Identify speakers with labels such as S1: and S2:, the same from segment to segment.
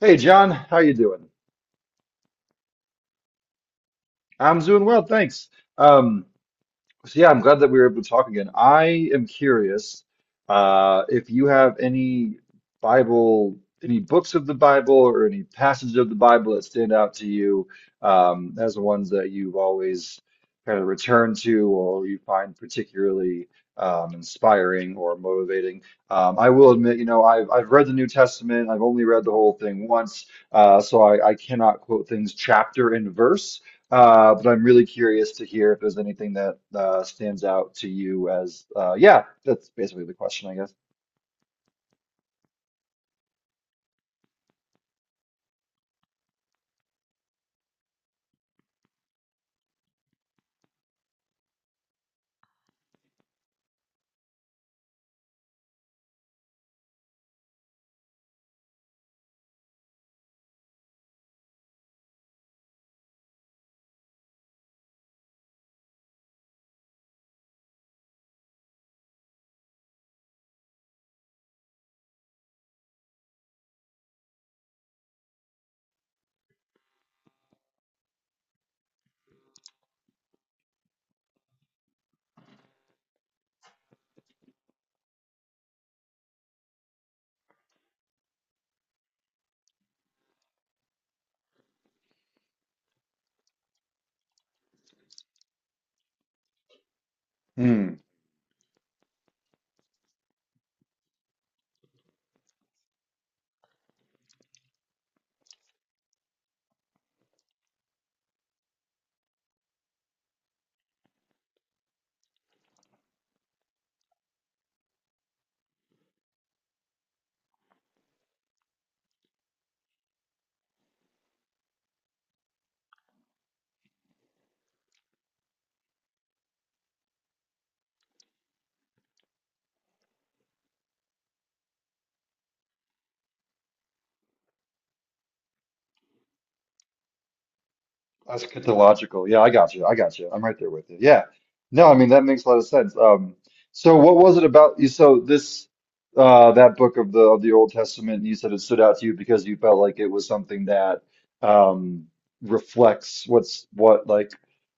S1: Hey John, how you doing? I'm doing well, thanks. Um, So yeah, I'm glad that we were able to talk again. I am curious if you have any Bible, any books of the Bible, or any passages of the Bible that stand out to you as the ones that you've always kind of returned to, or you find particularly inspiring or motivating. I will admit, you know, I've read the New Testament. I've only read the whole thing once, so I cannot quote things chapter and verse. But I'm really curious to hear if there's anything that stands out to you as, yeah, that's basically the question, I guess. Hmm. Eschatological. Yeah, I got you. I got you. I'm right there with you. Yeah. No, I mean that makes a lot of sense. So what was it about you? So this that book of the Old Testament, you said it stood out to you because you felt like it was something that um reflects what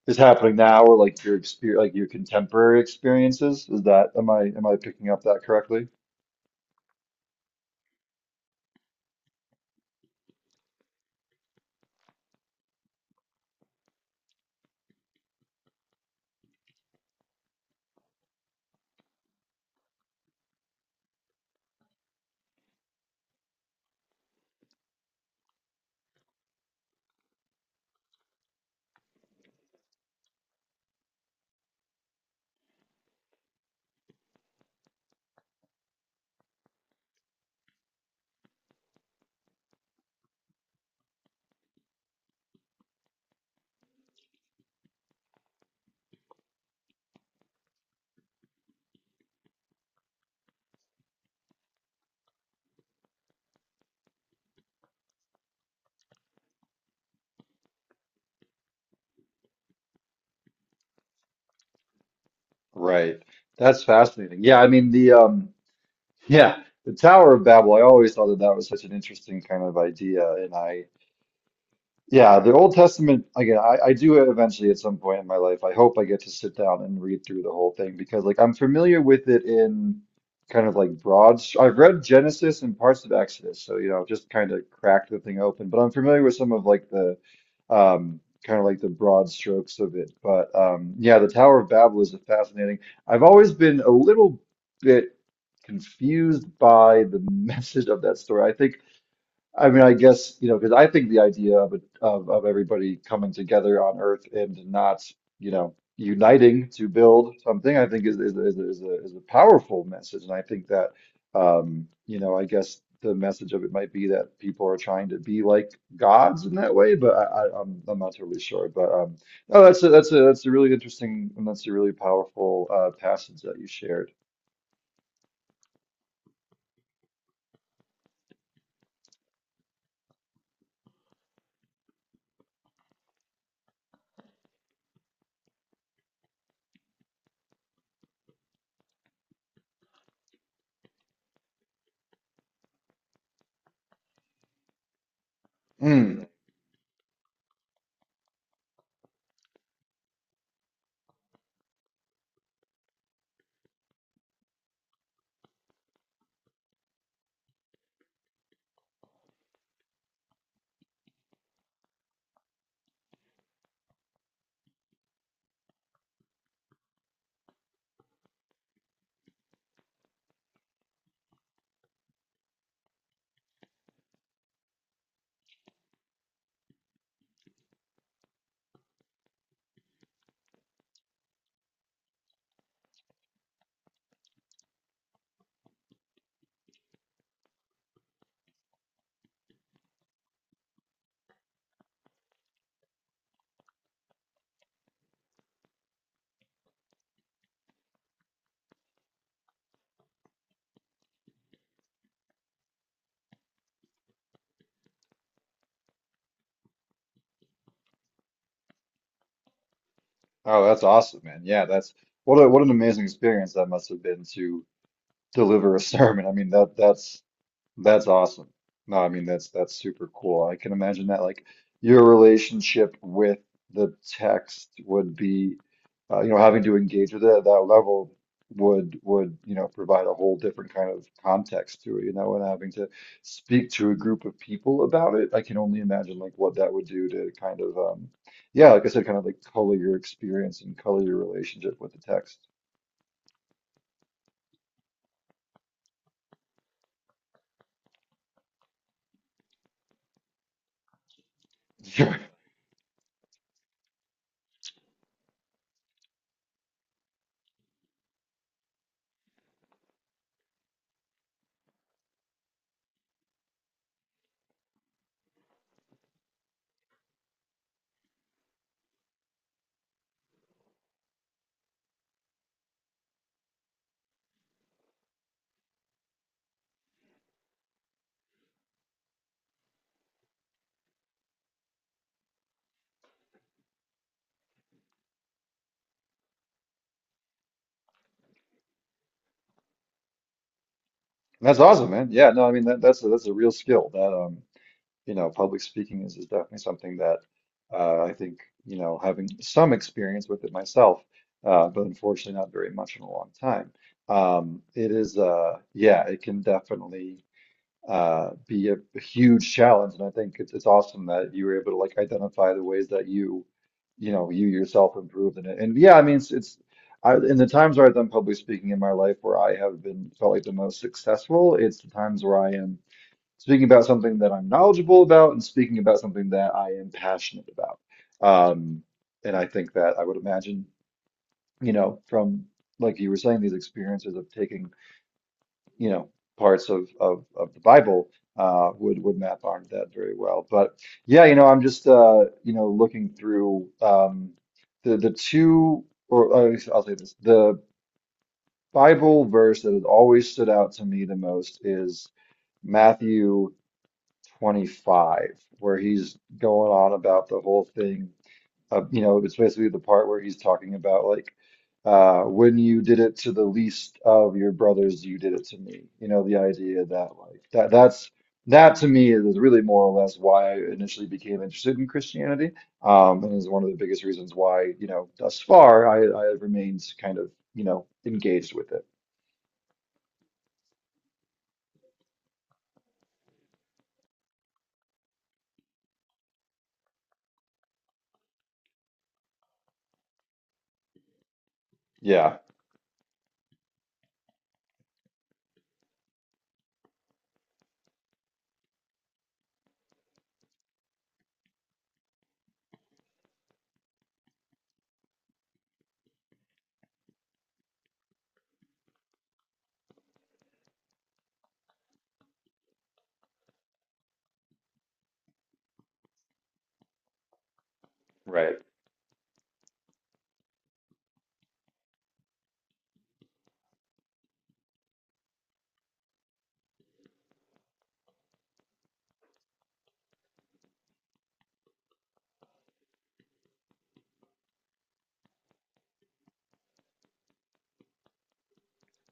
S1: is happening now, or like your experience, like your contemporary experiences. Is that, am I picking up that correctly? Right. That's fascinating. Yeah, I mean the Yeah, the Tower of Babel. I always thought that that was such an interesting kind of idea, and I yeah, the Old Testament, again, I do eventually at some point in my life. I hope I get to sit down and read through the whole thing because, like, I'm familiar with it in kind of like I've read Genesis and parts of Exodus, so, you know, just kind of cracked the thing open, but I'm familiar with some of like the kind of like the broad strokes of it. But yeah, the Tower of Babel is fascinating. I've always been a little bit confused by the message of that story, I think. I mean, I guess, you know, because I think the idea of everybody coming together on Earth and not, you know, uniting to build something, I think is a powerful message, and I think that, you know, I guess the message of it might be that people are trying to be like gods in that way, but I'm not totally sure. But no, that's a really interesting, and that's a really powerful passage that you shared. Mm. Oh, that's awesome, man. Yeah, that's what a what an amazing experience that must have been to deliver a sermon. I mean that's awesome. No, I mean that's super cool. I can imagine that like your relationship with the text would be you know, having to engage with it at that level would you know provide a whole different kind of context to it, you know, and having to speak to a group of people about it. I can only imagine like what that would do to kind of yeah, like I said, kind of like color your experience and color your relationship with the text. That's awesome, man. Yeah, no, I mean that's a real skill. That you know, public speaking is definitely something that I think you know having some experience with it myself, but unfortunately not very much in a long time. It is yeah, it can definitely be a huge challenge. And I think it's awesome that you were able to like identify the ways that you know, you yourself improved in it. And yeah, I mean, it's I, in the times where I've done public speaking in my life where I have been felt like the most successful, it's the times where I am speaking about something that I'm knowledgeable about and speaking about something that I am passionate about. Um, and I think that I would imagine, you know, from like you were saying, these experiences of taking you know parts of the Bible would map onto that very well. But yeah, you know, I'm just you know, looking through the two or I'll say this, the Bible verse that has always stood out to me the most is Matthew 25, where he's going on about the whole thing you know, it's basically the part where he's talking about, like, when you did it to the least of your brothers, you did it to me. You know, the idea that like that's that to me is really more or less why I initially became interested in Christianity, and is one of the biggest reasons why, you know, thus far I have remained kind of, you know, engaged with it. Yeah, right.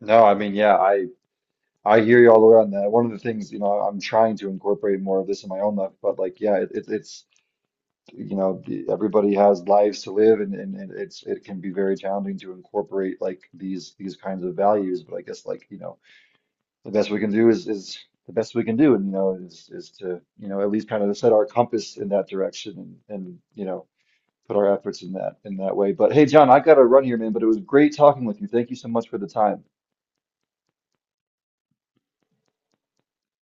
S1: No, I mean, I hear you all the way on that. One of the things, you know, I'm trying to incorporate more of this in my own life, but like, yeah, it's you know, everybody has lives to live and it's it can be very challenging to incorporate like these kinds of values. But I guess like, you know, the best we can do is the best we can do, and you know is to, you know, at least kind of set our compass in that direction, and you know, put our efforts in that way. But hey, John, I gotta run here, man, but it was great talking with you. Thank you so much for the time.